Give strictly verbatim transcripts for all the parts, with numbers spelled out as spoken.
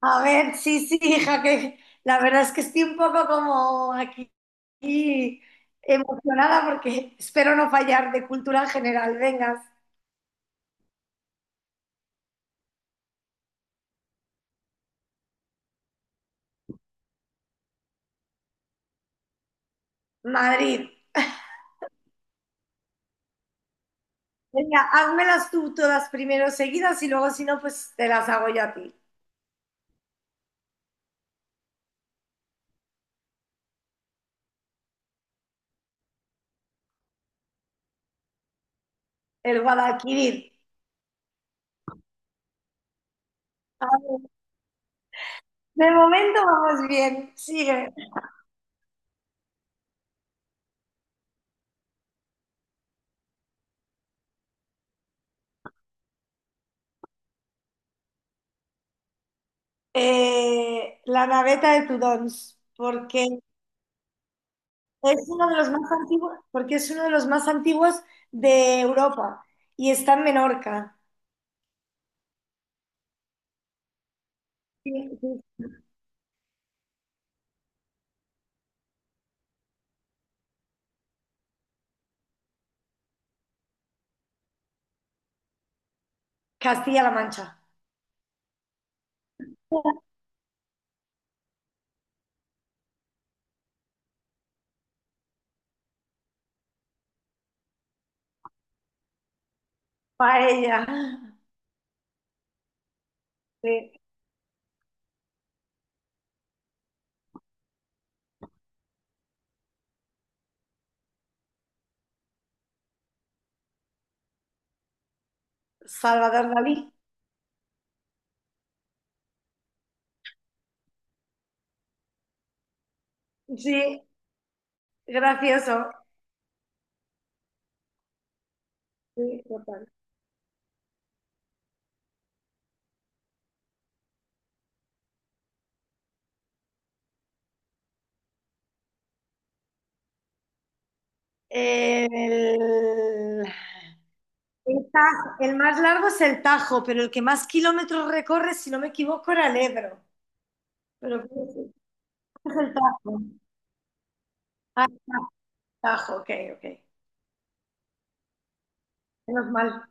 A ver, sí, sí, hija, que la verdad es que estoy un poco como aquí aquí emocionada porque espero no fallar de cultura general. Vengas, Madrid. Venga, házmelas tú todas primero seguidas y luego si no, pues te las hago yo a ti. El Guadalquivir. A ver, de momento vamos bien, sigue. Eh, La naveta de Tudons, porque es uno de los más antiguos, porque es uno de los más antiguos de Europa y está en Menorca. Sí, sí. Castilla-La Mancha. Paella de Salvador Dalí. Sí, gracioso. Sí, total. El, el Taj- el más largo es el Tajo, pero el que más kilómetros recorre, si no me equivoco, era el Ebro. Pero es el Tajo. Ah, Tajo, ok, ok. Menos mal.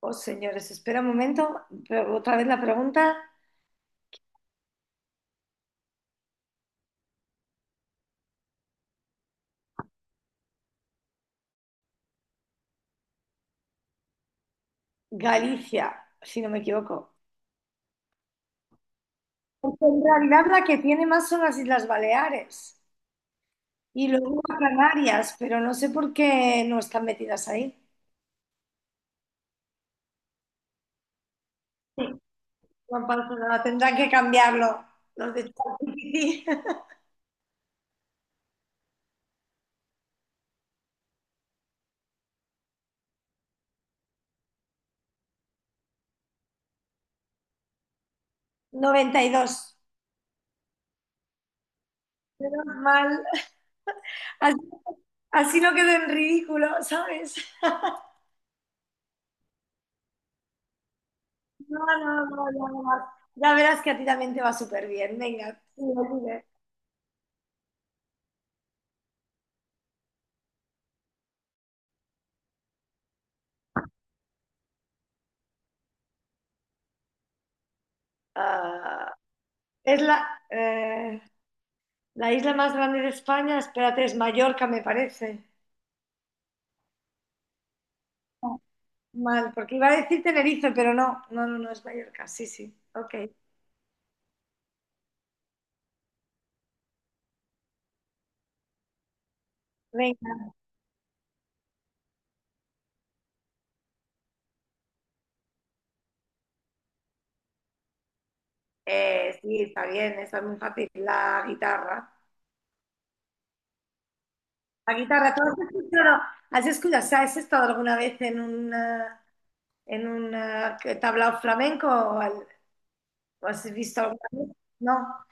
Oh, señores, espera un momento. Pero otra vez la pregunta. Galicia, si no me equivoco. Porque en realidad la que tiene más son las Islas Baleares. Y luego a Canarias, pero no sé por qué no están metidas ahí. Sí, no pasa nada, tendrán que cambiarlo. Los de ChatGPT noventa y dos. Menos mal. Así, así no quedó en ridículo, ¿sabes? No, no, no, no verás. Ya verás que a ti también te va súper bien. Venga, sí, Oliver. Ah, es la, eh, la isla más grande de España. Espérate, es Mallorca, me parece. Mal, porque iba a decir Tenerife, pero no, no, no, no es Mallorca. Sí, sí. Ok. Venga. Eh, sí, está bien, está muy fácil. La guitarra. La guitarra, ¿tú has escuchado, has escuchado, o sea, ¿has estado alguna vez en un, eh, en un eh, tablao flamenco o, al- o has visto alguna vez? No.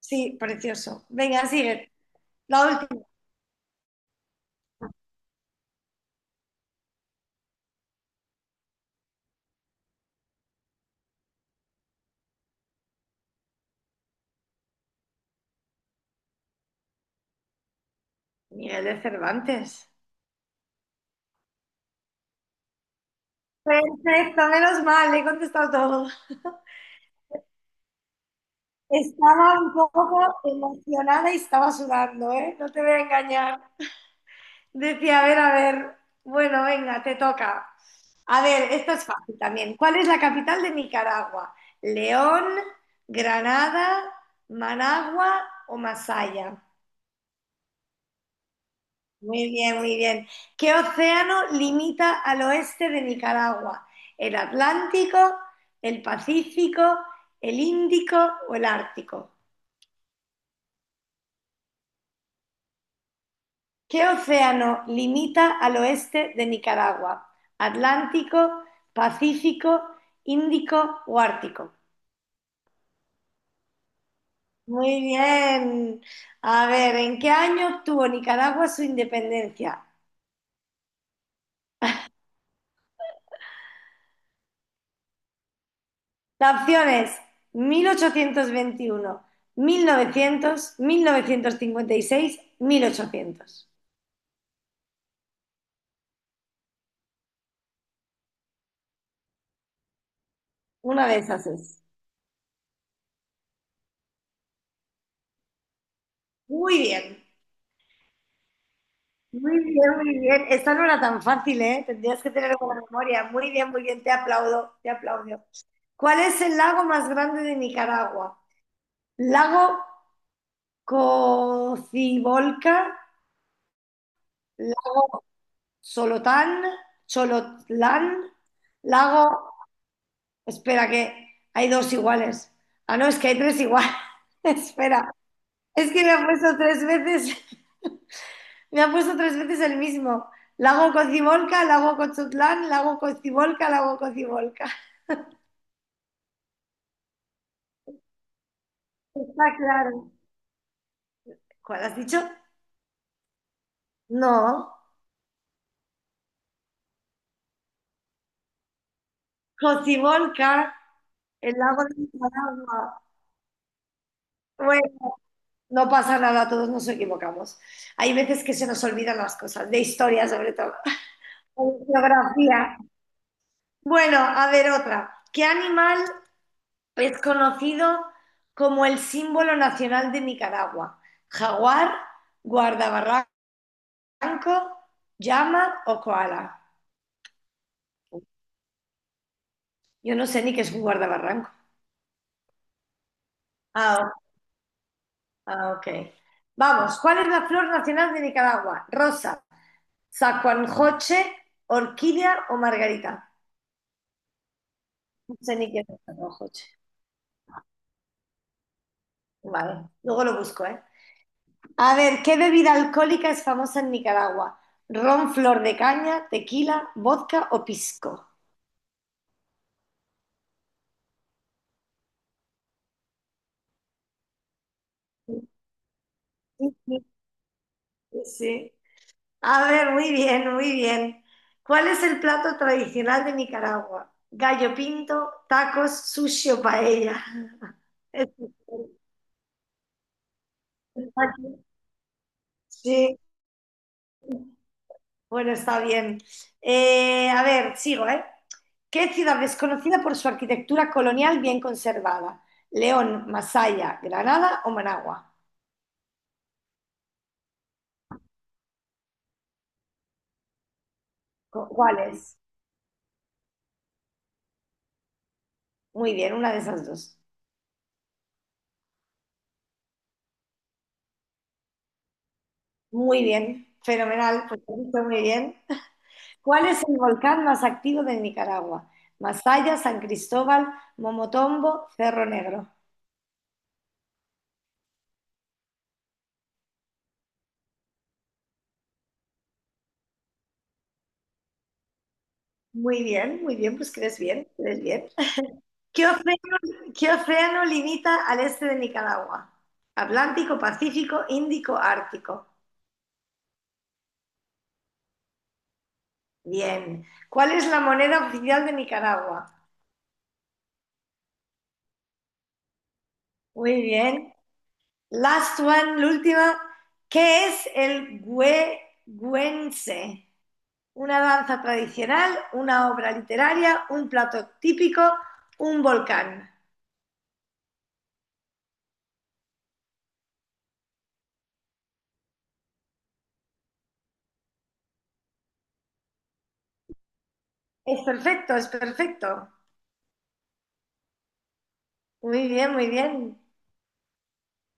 Sí, precioso. Venga, sigue. La última. Miguel de Cervantes. Perfecto, menos mal, he contestado todo. Estaba un poco emocionada y estaba sudando, ¿eh? No te voy a engañar. Decía, a ver, a ver, bueno, venga, te toca. A ver, esto es fácil también. ¿Cuál es la capital de Nicaragua? ¿León, Granada, Managua o Masaya? Muy bien, muy bien. ¿Qué océano limita al oeste de Nicaragua? ¿El Atlántico, el Pacífico, el Índico o el Ártico? ¿Qué océano limita al oeste de Nicaragua? ¿Atlántico, Pacífico, Índico o Ártico? Muy bien. A ver, ¿en qué año obtuvo Nicaragua su independencia? La opción es mil ochocientos veintiuno, mil novecientos, mil novecientos cincuenta y seis, mil ochocientos. Una de esas es. Muy bien. Muy bien, muy bien. Esta no era tan fácil, ¿eh? Tendrías que tener buena memoria. Muy bien, muy bien. Te aplaudo, te aplaudo. ¿Cuál es el lago más grande de Nicaragua? ¿Lago Cocibolca? ¿Lago Solotán? ¿Cholotlán? ¿Lago... Espera, que hay dos iguales. Ah, no, es que hay tres iguales. Espera, es que le he puesto tres veces. Me ha puesto tres veces el mismo. Lago Cocibolca, Lago Cochutlán, Lago Cocibolca, Lago Cocibolca. Está claro. ¿Cuál has dicho? No. Cocibolca, el lago de Nicaragua. Bueno, no pasa nada, todos nos equivocamos. Hay veces que se nos olvidan las cosas, de historia sobre todo, de geografía. Bueno, a ver otra. ¿Qué animal es conocido como el símbolo nacional de Nicaragua? ¿Jaguar, guardabarracas? ¿Barranco, llama o koala? Yo no sé ni qué es un guardabarranco. Ah, o- ah, ok. Vamos, ¿cuál es la flor nacional de Nicaragua? Rosa, sacuanjoche, orquídea o margarita. No sé ni qué es sacuanjoche. Vale, luego lo busco, ¿eh? A ver, ¿qué bebida alcohólica es famosa en Nicaragua? Ron, flor de caña, tequila, vodka o pisco. Sí, sí, sí. A ver, muy bien, muy bien. ¿Cuál es el plato tradicional de Nicaragua? Gallo pinto, tacos, sushi o paella. Es- Sí, bueno, está bien. Eh, a ver, sigo, ¿eh? ¿Qué ciudad es conocida por su arquitectura colonial bien conservada? León, Masaya, Granada o Managua. ¿Cu- ¿Cuál es? Muy bien, una de esas dos. Muy bien, fenomenal, pues lo has dicho muy bien. ¿Cuál es el volcán más activo de Nicaragua? Masaya, San Cristóbal, Momotombo, Cerro Negro. Muy bien, muy bien, pues crees bien, crees bien. ¿Qué océano, ¿qué océano limita al este de Nicaragua? Atlántico, Pacífico, Índico, Ártico. Bien. ¿Cuál es la moneda oficial de Nicaragua? Muy bien. Last one, la última. ¿Qué es el güe- güense? Una danza tradicional, una obra literaria, un plato típico, un volcán. Es perfecto, es perfecto. Muy bien, muy bien.